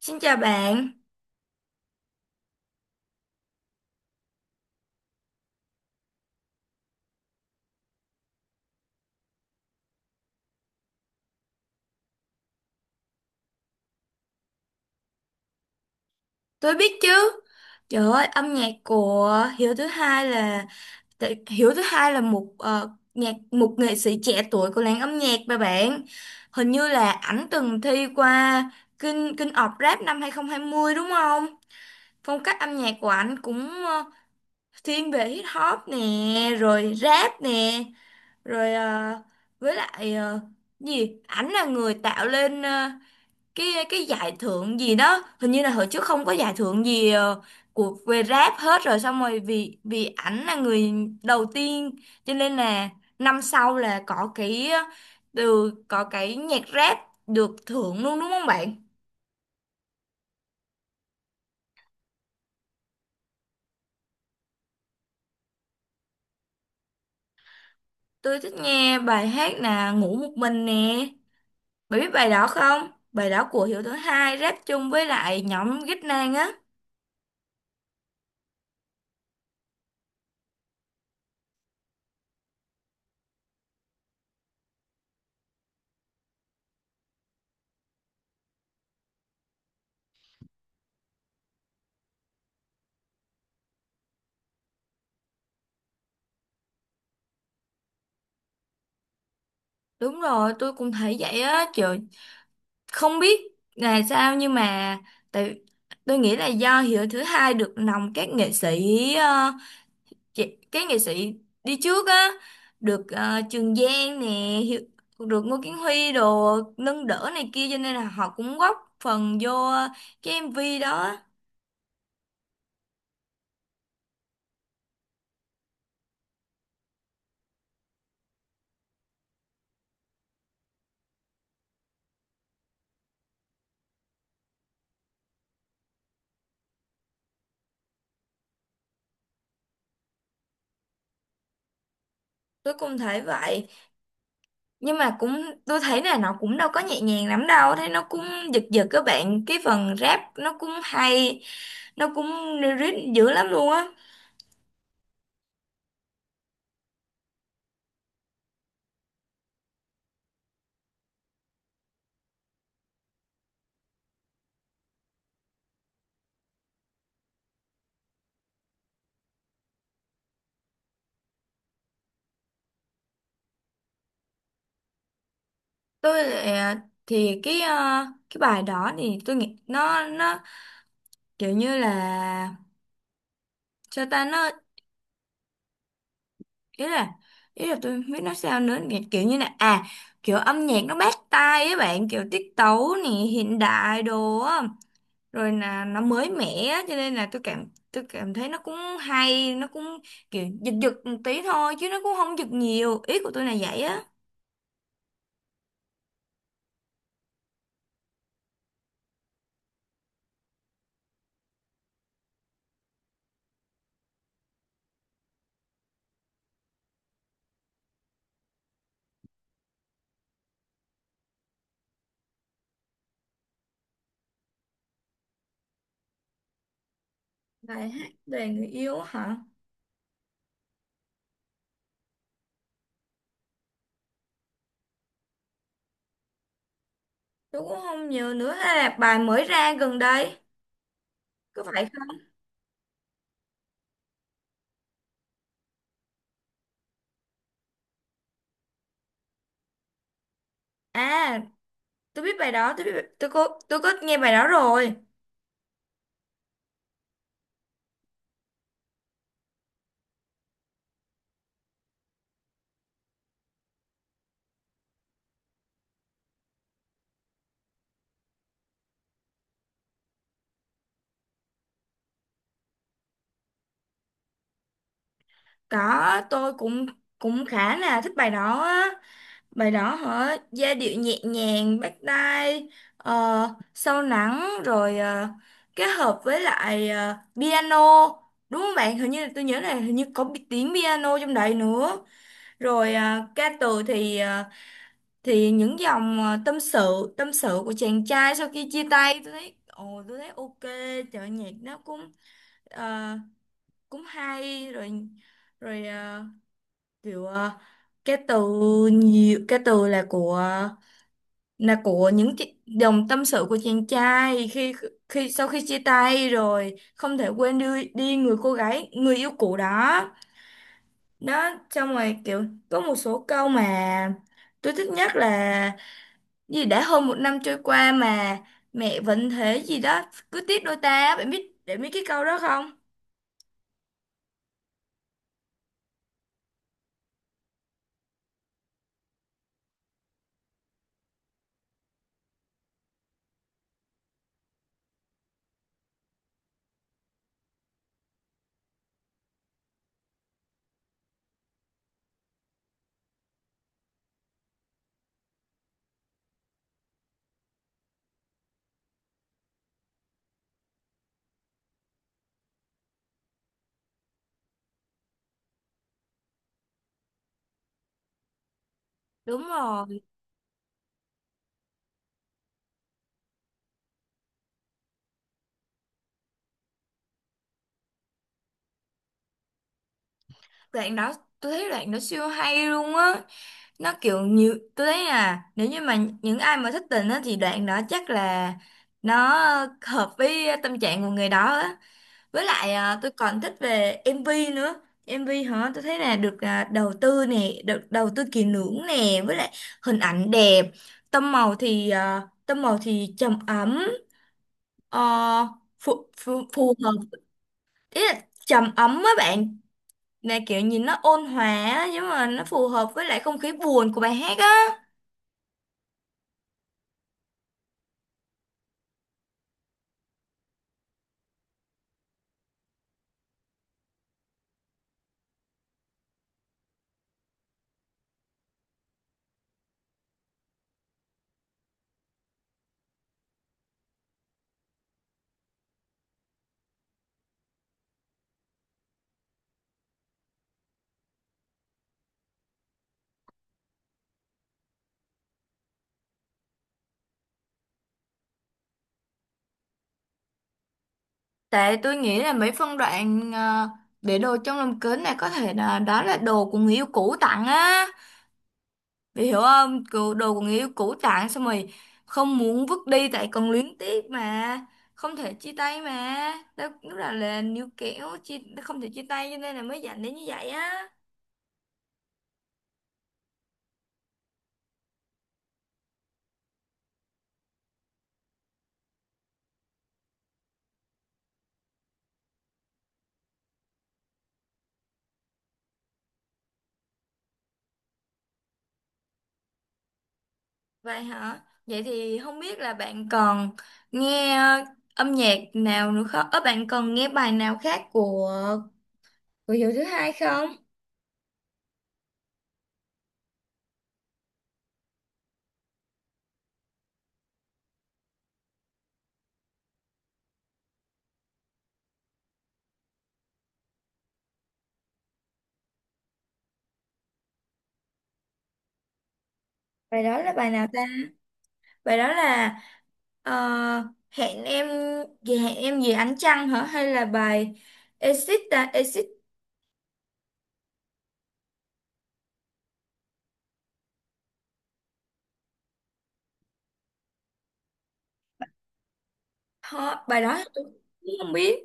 Xin chào bạn, tôi biết chứ. Trời ơi, âm nhạc của Hiếu thứ hai là Hiếu thứ hai là một nhạc một nghệ sĩ trẻ tuổi của làng âm nhạc mà bạn. Hình như là ảnh từng thi qua King King of Rap năm 2020 đúng không? Phong cách âm nhạc của ảnh cũng thiên về hip hop nè, rồi rap nè, rồi ờ, với lại ờ, gì? Ảnh là người tạo lên cái giải thưởng gì đó, hình như là hồi trước không có giải thưởng gì của về rap hết rồi, xong rồi vì vì ảnh là người đầu tiên, cho nên là năm sau là có cái từ có cái nhạc rap được thưởng luôn đúng không bạn? Tôi thích nghe bài hát là Ngủ Một Mình nè, bạn biết bài đó không? Bài đó của Hiếu thứ hai rap chung với lại nhóm Ghít Nang á. Đúng rồi, tôi cũng thấy vậy á. Trời, không biết là sao, nhưng mà tại tôi nghĩ là do Hiếu thứ hai được lòng các nghệ sĩ các nghệ sĩ đi trước á, được Trường Giang nè, Hiếu, được Ngô Kiến Huy đồ nâng đỡ này kia, cho nên là họ cũng góp phần vô cái MV đó. Tôi cũng thấy vậy, nhưng mà cũng tôi thấy là nó cũng đâu có nhẹ nhàng lắm đâu, thấy nó cũng giật giật các bạn, cái phần rap nó cũng hay, nó cũng lyric dữ lắm luôn á. tôi lại- thì cái bài đó thì tôi nghĩ nó kiểu như là sao ta, nó ý là ý là tôi không biết nói sao nữa, kiểu kiểu như là à, kiểu âm nhạc nó bắt tai ấy bạn, kiểu tiết tấu nè, hiện đại đồ á, rồi là nó mới mẻ á, cho nên là tôi cảm thấy nó cũng hay, nó cũng kiểu giật giật một tí thôi, chứ nó cũng không giật nhiều, ý của tôi là vậy á. Bài hát về người yêu hả? Tôi cũng không nhiều nữa, hay là bài mới ra gần đây? Có phải à, tôi biết bài đó, tôi biết, tôi có nghe bài đó rồi. Có, tôi cũng cũng khá là thích bài đó á. Bài đó hả? Giai điệu nhẹ nhàng, bắt tai, ờ, sâu lắng, kết hợp với lại piano. Đúng không bạn? Hình như là tôi nhớ là hình như có tiếng piano trong đấy nữa. Ca từ thì thì những dòng tâm sự của chàng trai sau khi chia tay, tôi thấy ồ, tôi thấy ok, trời, nhạc nó cũng Ờ, cũng hay rồi, rồi ờ, kiểu ờ, cái từ, nhiều cái từ là của những dòng tâm sự của chàng trai khi khi sau khi chia tay rồi, không thể quên đi đi người cô gái, người yêu cũ đó, đó, xong rồi kiểu có một số câu mà tôi thích nhất là gì, đã hơn một năm trôi qua mà mẹ vẫn thế gì đó, cứ tiếc đôi ta, bạn biết để biết cái câu đó không? Đúng rồi, đoạn đó, tôi thấy đoạn đó siêu hay luôn á, nó kiểu nhiều, tôi thấy là nếu như mà những ai mà thích tình á thì đoạn đó chắc là nó hợp với tâm trạng của người đó á. Với lại à, tôi còn thích về MV nữa. MV hả, tôi thấy là được à, đầu tư nè, được đầu tư kỹ lưỡng nè, với lại hình ảnh đẹp, tông màu thì à, tông màu thì trầm ấm, ờ, phù hợp. Ý là trầm ấm á bạn, là kiểu nhìn nó ôn hòa á, nhưng mà nó phù hợp với lại không khí buồn của bài hát á. Tại tôi nghĩ là mấy phân đoạn để đồ trong lòng kính này, có thể là đó là đồ của người yêu cũ tặng á, bị hiểu không? Kiểu đồ của người yêu cũ tặng, xong rồi không muốn vứt đi tại còn luyến tiếc mà, không thể chia tay mà, đó, lúc đó là níu kéo chia, không thể chia tay, cho nên là mới dẫn đến như vậy á. Vậy hả? Vậy thì không biết là bạn còn nghe âm nhạc nào nữa không? Ờ, bạn còn nghe bài nào khác của Hiếu thứ hai không? Bài đó là bài nào ta? Bài đó là ờ, hẹn em gì, hẹn em gì ánh trăng hả? Hay là bài Exit ta? Exit hả? Bài đó tôi cũng không biết.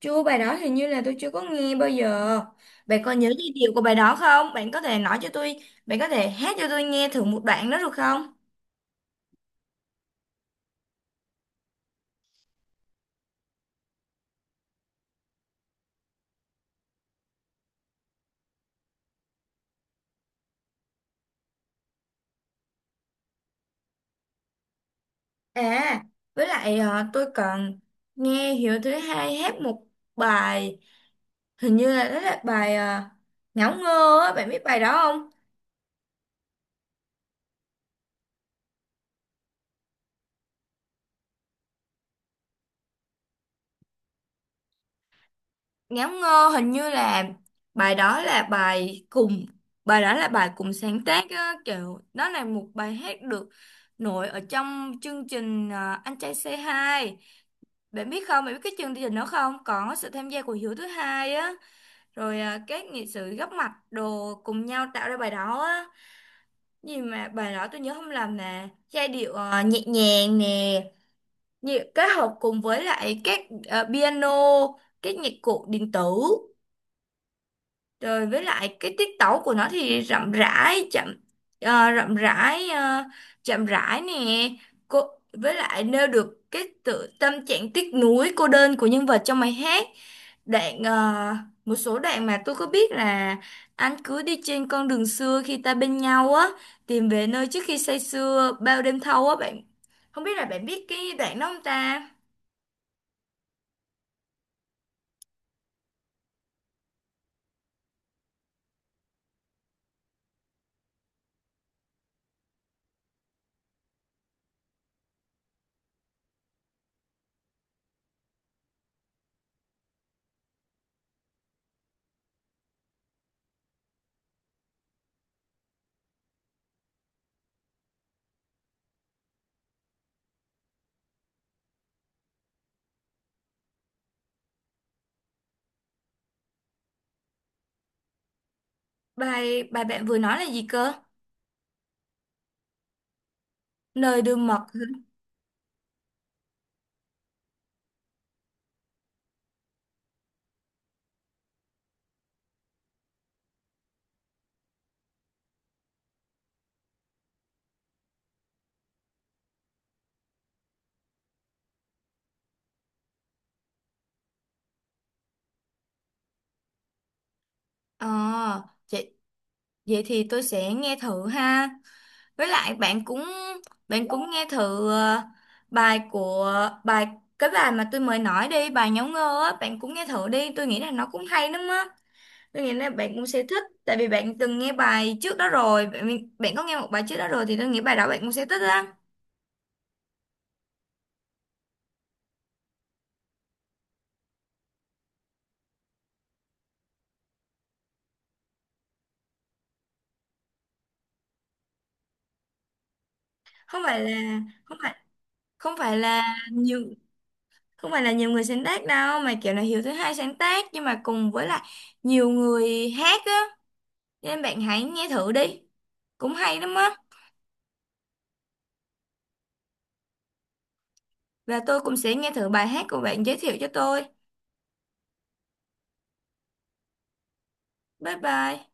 Chưa, bài đó hình như là tôi chưa có nghe bao giờ. Bạn còn nhớ giai điệu của bài đó không? Bạn có thể nói cho tôi, bạn có thể hát cho tôi nghe thử một đoạn đó được không? À, với lại ờ, tôi còn nghe Hiếu thứ hai hát một bài, hình như là đó là bài Ngáo ngơ á, bạn biết bài đó không? Ngáo ngơ hình như là bài đó là bài cùng bài đó là bài cùng sáng tác á, kiểu đó là một bài hát được nổi ở trong chương trình Anh trai C2. Bạn biết không? Bạn biết cái chương trình đó không? Có sự tham gia của Hiếu thứ hai á, rồi các nghệ sĩ góp mặt đồ cùng nhau tạo ra bài đó á. Gì mà bài đó tôi nhớ không lầm là giai điệu nhẹ nhàng nè, kết hợp cùng với lại các piano, các nhạc cụ điện tử, rồi với lại cái tiết tấu của nó thì rậm rãi chậm ờ, rậm rãi ờ, chậm rãi nè, cô với lại nêu được cái tự tâm trạng tiếc nuối cô đơn của nhân vật trong bài hát. Đoạn một số đoạn mà tôi có biết là anh cứ đi trên con đường xưa khi ta bên nhau á, tìm về nơi trước khi say sưa bao đêm thâu á bạn, không biết là bạn biết cái đoạn đó không ta? Bài bài bạn vừa nói là gì cơ? Lời đường mật hả? Ờ, à, vậy thì tôi sẽ nghe thử ha. Với lại bạn cũng nghe thử bài của bài cái bài mà tôi mới nói đi, bài Nháo Ngơ á, bạn cũng nghe thử đi, tôi nghĩ là nó cũng hay lắm á. Tôi nghĩ là bạn cũng sẽ thích tại vì bạn từng nghe bài trước đó rồi, bạn có nghe một bài trước đó rồi thì tôi nghĩ bài đó bạn cũng sẽ thích lắm. Không phải là không phải không phải là nhiều không phải là nhiều người sáng tác đâu, mà kiểu là Hiếu thứ hai sáng tác nhưng mà cùng với lại nhiều người hát á, nên bạn hãy nghe thử đi. Cũng hay lắm á. Và tôi cũng sẽ nghe thử bài hát của bạn giới thiệu cho tôi. Bye bye.